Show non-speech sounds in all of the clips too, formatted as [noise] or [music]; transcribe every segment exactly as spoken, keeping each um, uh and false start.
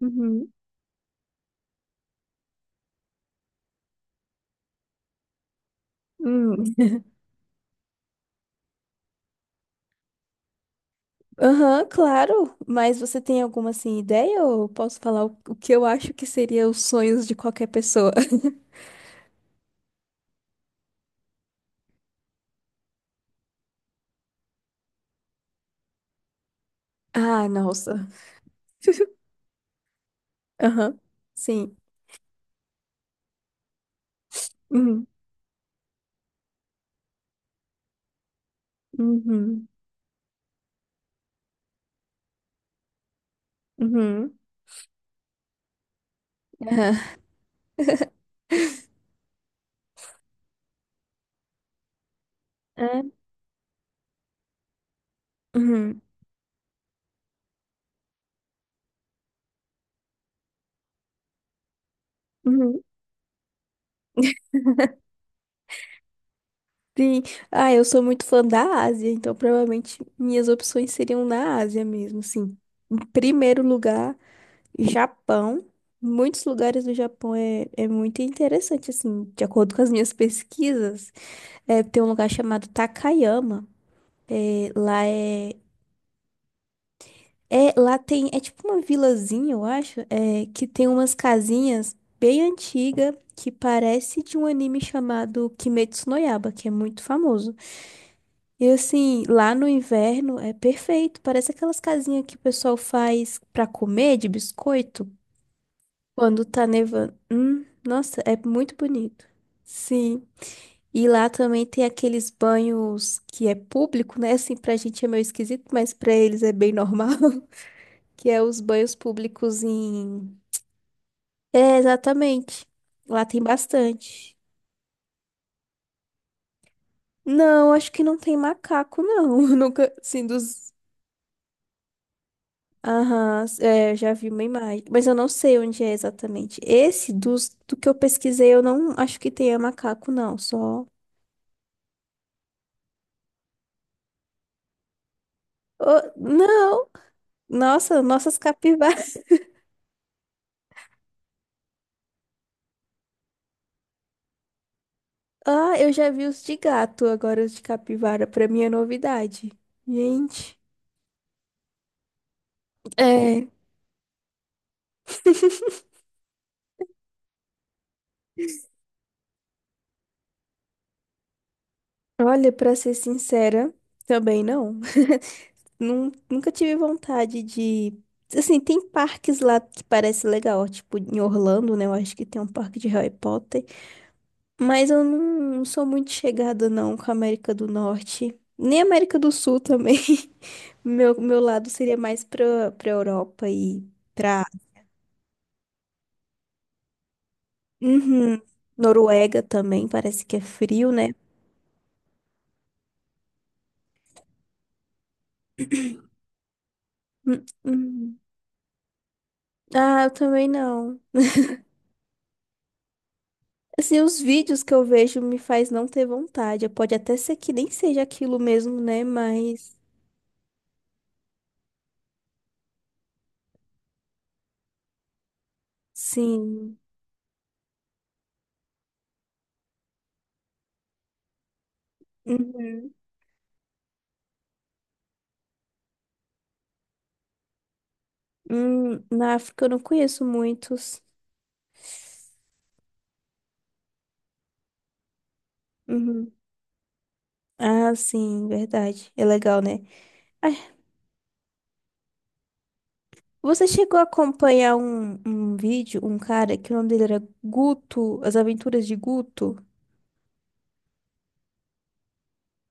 Uhum. Hum. Aham, claro. Mas você tem alguma assim ideia ou posso falar o, o que eu acho que seria os sonhos de qualquer pessoa? [laughs] Ah, nossa. [laughs] Aham. Sim. Uhum. Uhum. Uhum. Aham. [laughs] Ah. Uhum. Uhum. [laughs] Sim. Ah, eu sou muito fã da Ásia, então provavelmente minhas opções seriam na Ásia mesmo, assim. Em primeiro lugar, Japão. Muitos lugares do Japão é, é muito interessante, assim, de acordo com as minhas pesquisas. É, tem um lugar chamado Takayama. É, lá é, é. Lá tem. É tipo uma vilazinha, eu acho, é, que tem umas casinhas bem antigas que parece de um anime chamado Kimetsu no Yaiba, que é muito famoso. E assim, lá no inverno é perfeito. Parece aquelas casinhas que o pessoal faz pra comer de biscoito quando tá nevando. Hum, nossa, é muito bonito. Sim. E lá também tem aqueles banhos que é público, né? Assim, pra gente é meio esquisito, mas pra eles é bem normal. [laughs] Que é os banhos públicos em. É, exatamente. Lá tem bastante. Não, acho que não tem macaco, não. [laughs] Nunca, assim, dos. Aham, é, eu já vi uma imagem, mas eu não sei onde é exatamente. Esse dos, do que eu pesquisei, eu não acho que tenha macaco, não, só. Oh, não! Nossa, nossas capivaras. [laughs] Ah, eu já vi os de gato, agora os de capivara, pra mim é novidade. Gente, é, [laughs] olha, pra ser sincera, também não. [laughs] Nun- Nunca tive vontade de. Assim, tem parques lá que parece legal, tipo em Orlando, né? Eu acho que tem um parque de Harry Potter. Mas eu não sou muito chegada, não, com a América do Norte. Nem América do Sul também. [laughs] Meu, meu lado seria mais pra, pra Europa e pra. Uhum. Noruega também, parece que é frio, né? Hum, hum. Ah, eu também não. Assim, os vídeos que eu vejo me faz não ter vontade. Pode até ser que nem seja aquilo mesmo, né? Mas, sim. Uhum. Hum, na África eu não conheço muitos. Uhum. Ah, sim, verdade. É legal, né? Ah, você chegou a acompanhar um, um vídeo, um cara que o nome dele era Guto, As Aventuras de Guto?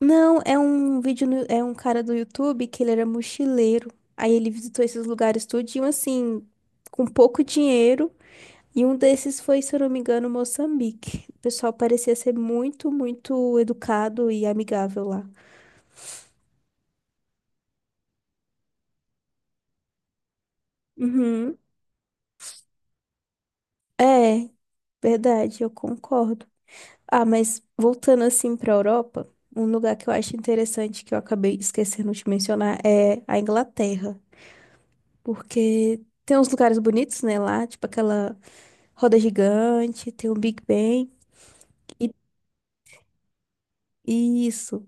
Não, é um vídeo, no- é um cara do YouTube que ele era mochileiro. Aí ele visitou esses lugares tudinho, assim, com pouco dinheiro. E um desses foi, se eu não me engano, Moçambique. O pessoal parecia ser muito, muito educado e amigável lá. Uhum. É, verdade, eu concordo. Ah, mas voltando assim para a Europa, um lugar que eu acho interessante que eu acabei esquecendo de mencionar é a Inglaterra, porque tem uns lugares bonitos, né, lá, tipo aquela roda gigante, tem o Big Ben e e isso.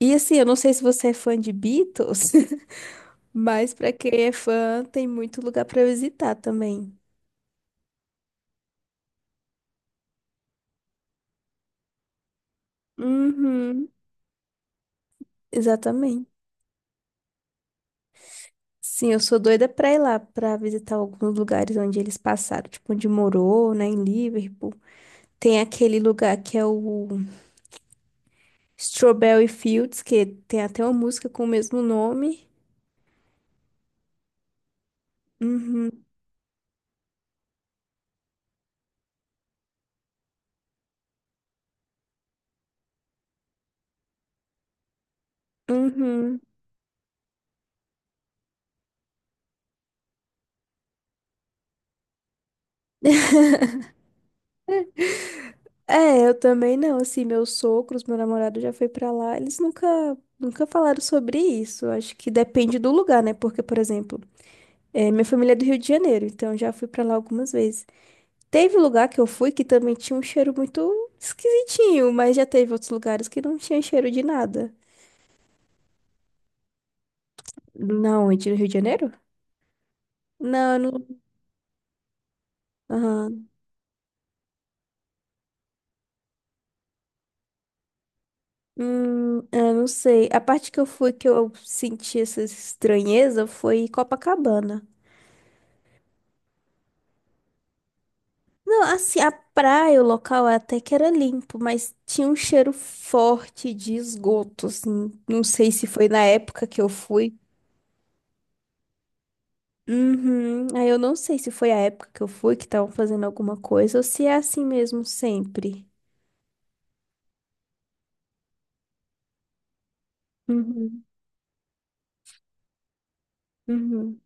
E assim, eu não sei se você é fã de Beatles, [laughs] mas para quem é fã, tem muito lugar para visitar também. Uhum, exatamente. Sim, eu sou doida pra ir lá, pra visitar alguns lugares onde eles passaram, tipo onde morou, né, em Liverpool. Tem aquele lugar que é o Strawberry Fields, que tem até uma música com o mesmo nome. Uhum, uhum. [laughs] É, eu também não, assim, meus sogros, meu namorado já foi pra lá, eles nunca, nunca falaram sobre isso. Eu acho que depende do lugar, né? Porque, por exemplo, é, minha família é do Rio de Janeiro, então já fui pra lá algumas vezes. Teve lugar que eu fui que também tinha um cheiro muito esquisitinho, mas já teve outros lugares que não tinha cheiro de nada. Na onde? No Rio de Janeiro? Não, eu não. Aham. Hum, eu não sei. A parte que eu fui que eu senti essa estranheza foi Copacabana. Não, assim, a praia, o local até que era limpo, mas tinha um cheiro forte de esgoto, assim. Não sei se foi na época que eu fui. Uhum. Aí eu não sei se foi a época que eu fui que estavam fazendo alguma coisa ou se é assim mesmo sempre. Uhum. Uhum.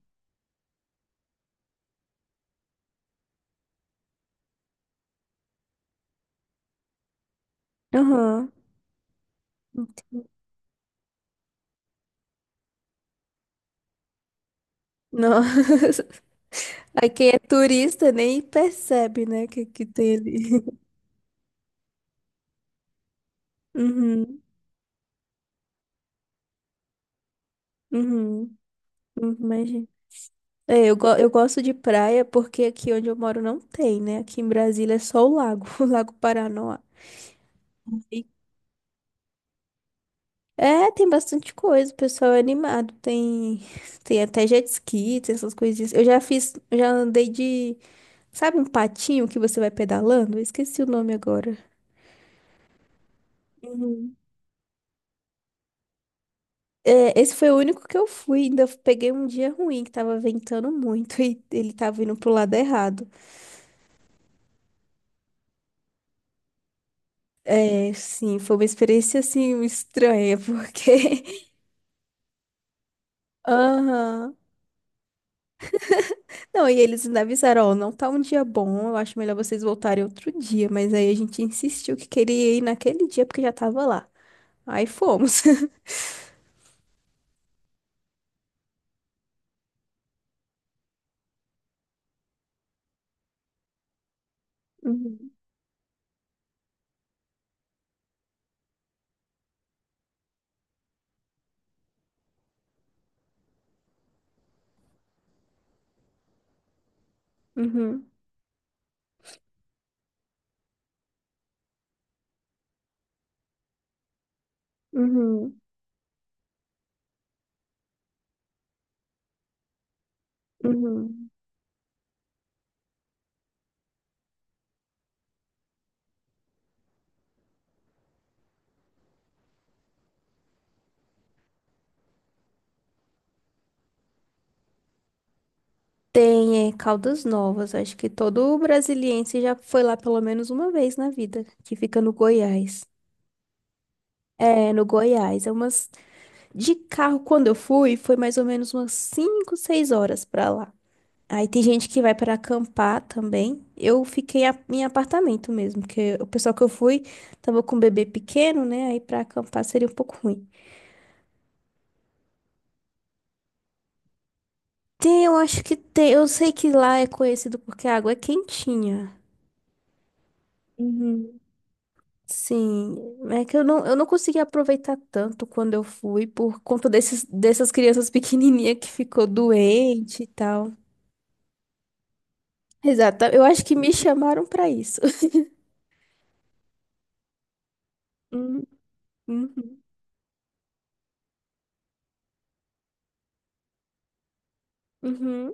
Aham. Nossa. [laughs] Aí quem é turista nem percebe, né, que, que tem ali. [laughs] Uhum, uhum, uhum, imagina. É, eu, go- eu gosto de praia porque aqui onde eu moro não tem, né? Aqui em Brasília é só o lago, [laughs] o Lago Paranoá. E- É, tem bastante coisa, o pessoal é animado. Tem, [laughs] tem até jet ski, tem essas coisinhas. Eu já fiz, eu já andei de, sabe um patinho que você vai pedalando? Eu esqueci o nome agora. Uhum. É, esse foi o único que eu fui. Ainda peguei um dia ruim, que tava ventando muito [laughs] e ele tava indo pro lado errado. É, sim, foi uma experiência assim estranha, porque. [laughs] Aham. Não, e eles ainda avisaram: ó, não tá um dia bom, eu acho melhor vocês voltarem outro dia. Mas aí a gente insistiu que queria ir naquele dia porque já tava lá. Aí fomos. [laughs] Uhum, uhum, uhum, uhum. Tem, é, Caldas Novas. Acho que todo brasiliense já foi lá pelo menos uma vez na vida, que fica no Goiás. É, no Goiás. É umas. De carro, quando eu fui, foi mais ou menos umas cinco seis horas pra lá. Aí tem gente que vai para acampar também. Eu fiquei a- em apartamento mesmo, porque o pessoal que eu fui tava com um bebê pequeno, né? Aí pra acampar seria um pouco ruim. Tem, eu acho que tem. Eu sei que lá é conhecido porque a água é quentinha. Uhum. Sim, é que eu não, eu não consegui aproveitar tanto quando eu fui por conta desses, dessas crianças pequenininhas que ficou doente e tal. Exato, eu acho que me chamaram pra isso. [laughs] Hum, uhum, uhum,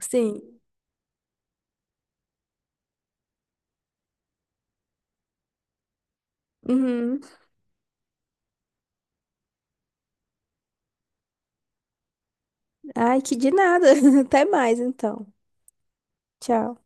sim. Uhum. Ai, que de nada. [laughs] Até mais então. Tchau.